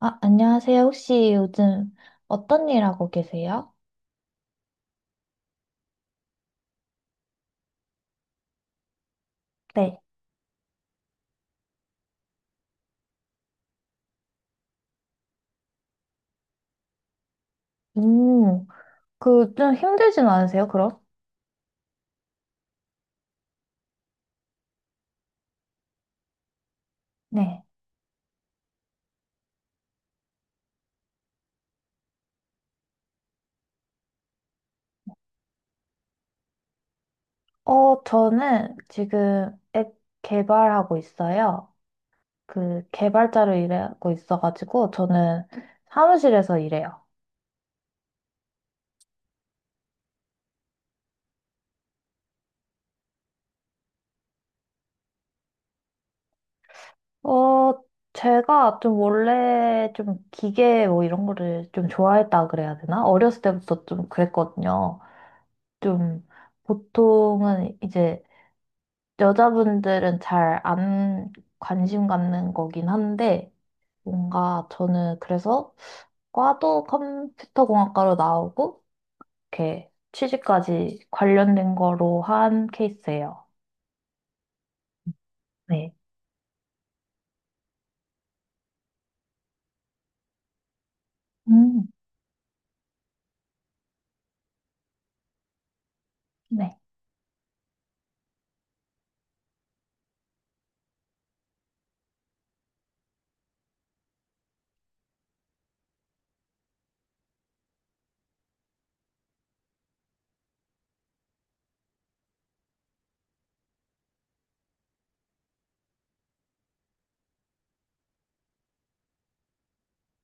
아, 안녕하세요. 혹시 요즘 어떤 일 하고 계세요? 네. 음, 그 좀 힘들진 않으세요, 그럼? 네. 어, 저는 지금 앱 개발하고 있어요. 그 개발자로 일하고 있어가지고 저는 사무실에서 일해요. 어, 제가 좀 원래 좀 기계 뭐 이런 거를 좀 좋아했다 그래야 되나? 어렸을 때부터 좀 그랬거든요. 좀 보통은 이제 여자분들은 잘 안 관심 갖는 거긴 한데, 뭔가 저는 그래서 과도 컴퓨터공학과로 나오고, 이렇게 취직까지 관련된 거로 한 케이스예요. 네. 음, 네.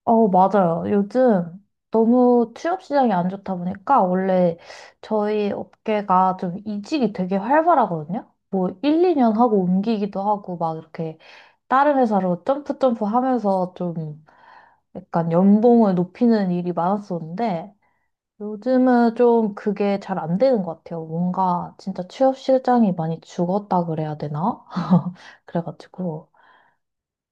어, 맞아요. 요즘 너무 취업 시장이 안 좋다 보니까 원래 저희 업계가 좀 이직이 되게 활발하거든요. 뭐 1, 2년 하고 옮기기도 하고 막 이렇게 다른 회사로 점프 점프 하면서 좀 약간 연봉을 높이는 일이 많았었는데 요즘은 좀 그게 잘 안 되는 것 같아요. 뭔가 진짜 취업 시장이 많이 죽었다 그래야 되나? 그래가지고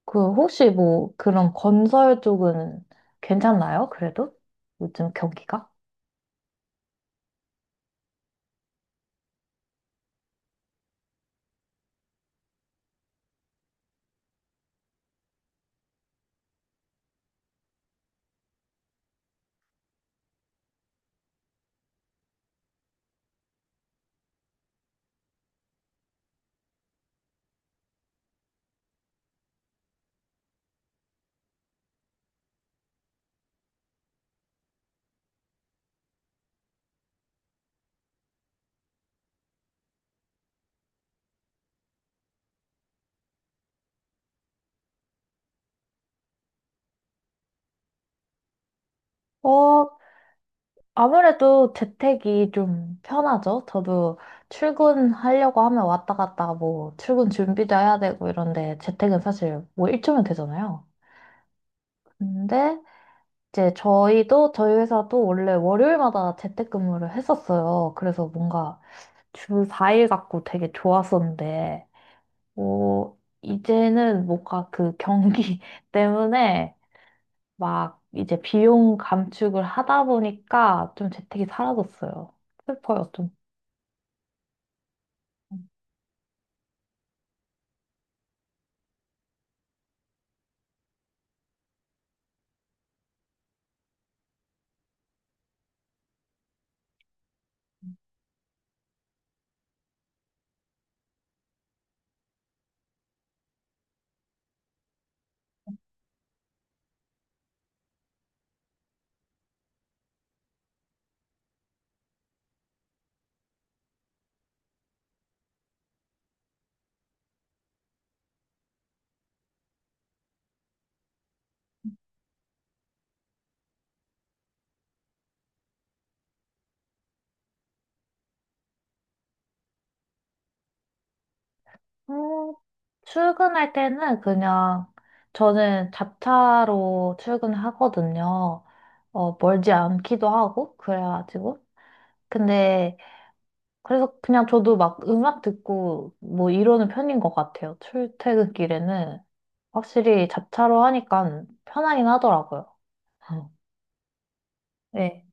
그 혹시 뭐 그런 건설 쪽은 괜찮나요? 그래도 요즘 경기가? 어, 아무래도 재택이 좀 편하죠. 저도 출근하려고 하면 왔다 갔다 뭐 출근 준비도 해야 되고 이런데 재택은 사실 뭐 1초면 되잖아요. 근데 이제 저희도 저희 회사도 원래 월요일마다 재택근무를 했었어요. 그래서 뭔가 주 4일 갖고 되게 좋았었는데, 어, 이제는 뭔가 그 경기 때문에 막 이제 비용 감축을 하다 보니까 좀 재택이 사라졌어요. 슬퍼요, 좀. 음, 출근할 때는 그냥 저는 자차로 출근하거든요. 어, 멀지 않기도 하고 그래가지고 근데 그래서 그냥 저도 막 음악 듣고 뭐 이러는 편인 것 같아요. 출퇴근길에는 확실히 자차로 하니까 편하긴 하더라고요. 음. 네.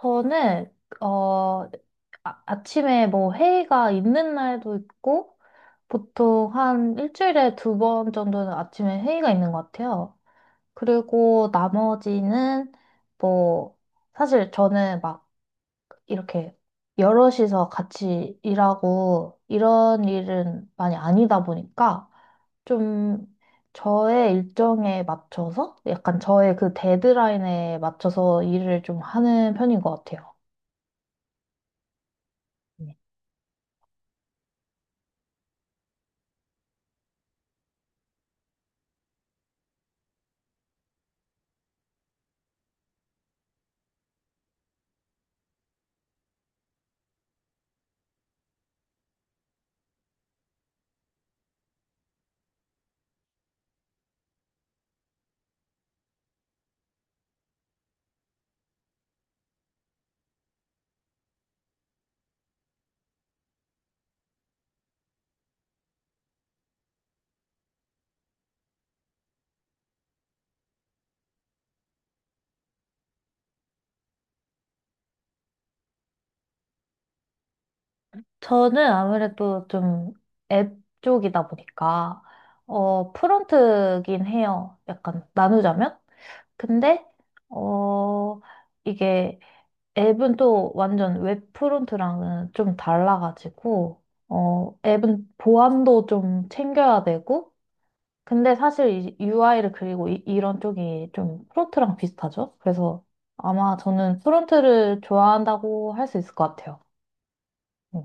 저는, 어, 아, 아침에 뭐 회의가 있는 날도 있고, 보통 한 일주일에 두 번 정도는 아침에 회의가 있는 것 같아요. 그리고 나머지는 뭐, 사실 저는 막 이렇게 여럿이서 같이 일하고 이런 일은 많이 아니다 보니까 좀 저의 일정에 맞춰서 약간 저의 그 데드라인에 맞춰서 일을 좀 하는 편인 것 같아요. 네. 저는 아무래도 좀 앱 쪽이다 보니까 어 프론트긴 해요. 약간 나누자면. 근데 어 이게 앱은 또 완전 웹 프론트랑은 좀 달라가지고, 어, 앱은 보안도 좀 챙겨야 되고, 근데 사실 UI를 그리고 이런 쪽이 좀 프론트랑 비슷하죠? 그래서 아마 저는 프론트를 좋아한다고 할 수 있을 것 같아요. 네.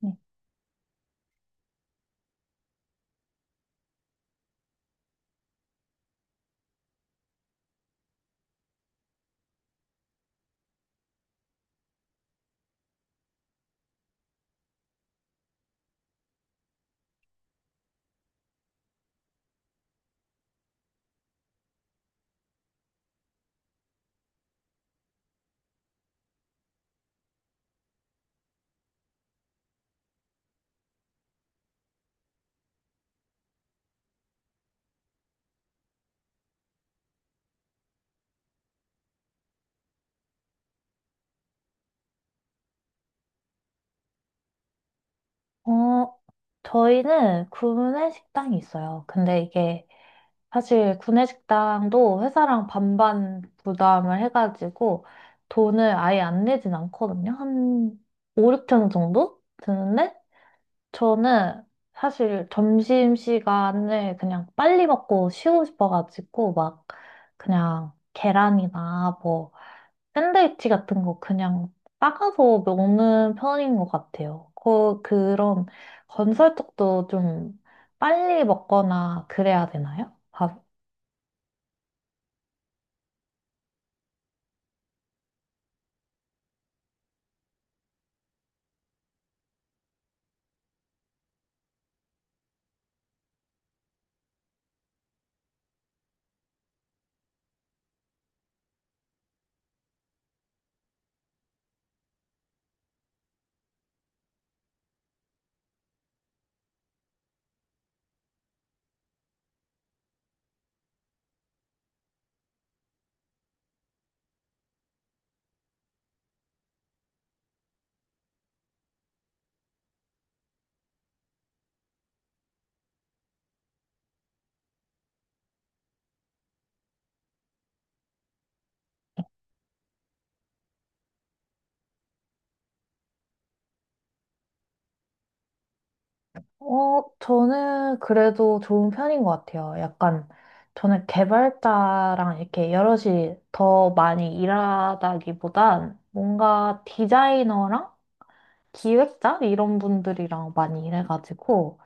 네. 어, 저희는 구내 식당이 있어요. 근데 이게 사실 구내식당도 회사랑 반반 부담을 해가지고 돈을 아예 안 내진 않거든요. 한 5, 6천 원 정도 드는데 저는 사실 점심시간을 그냥 빨리 먹고 쉬고 싶어가지고 막 그냥 계란이나 뭐 샌드위치 같은 거 그냥 싸가서 먹는 편인 것 같아요. 그런 건설 쪽도 좀 빨리 먹거나 그래야 되나요? 어, 저는 그래도 좋은 편인 것 같아요. 약간, 저는 개발자랑 이렇게 여럿이 더 많이 일하다기보단 뭔가 디자이너랑 기획자? 이런 분들이랑 많이 일해가지고,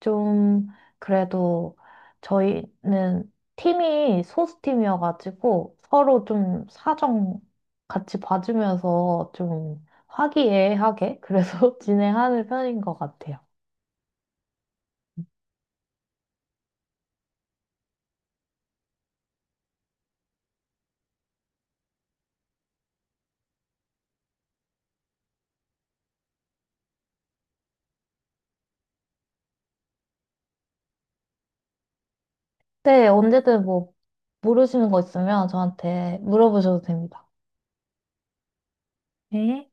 좀, 그래도 저희는 팀이 소수팀이어가지고 서로 좀 사정 같이 봐주면서 좀 화기애애하게 그래서 진행하는 편인 것 같아요. 네, 언제든 뭐 모르시는 거 있으면 저한테 물어보셔도 됩니다. 네.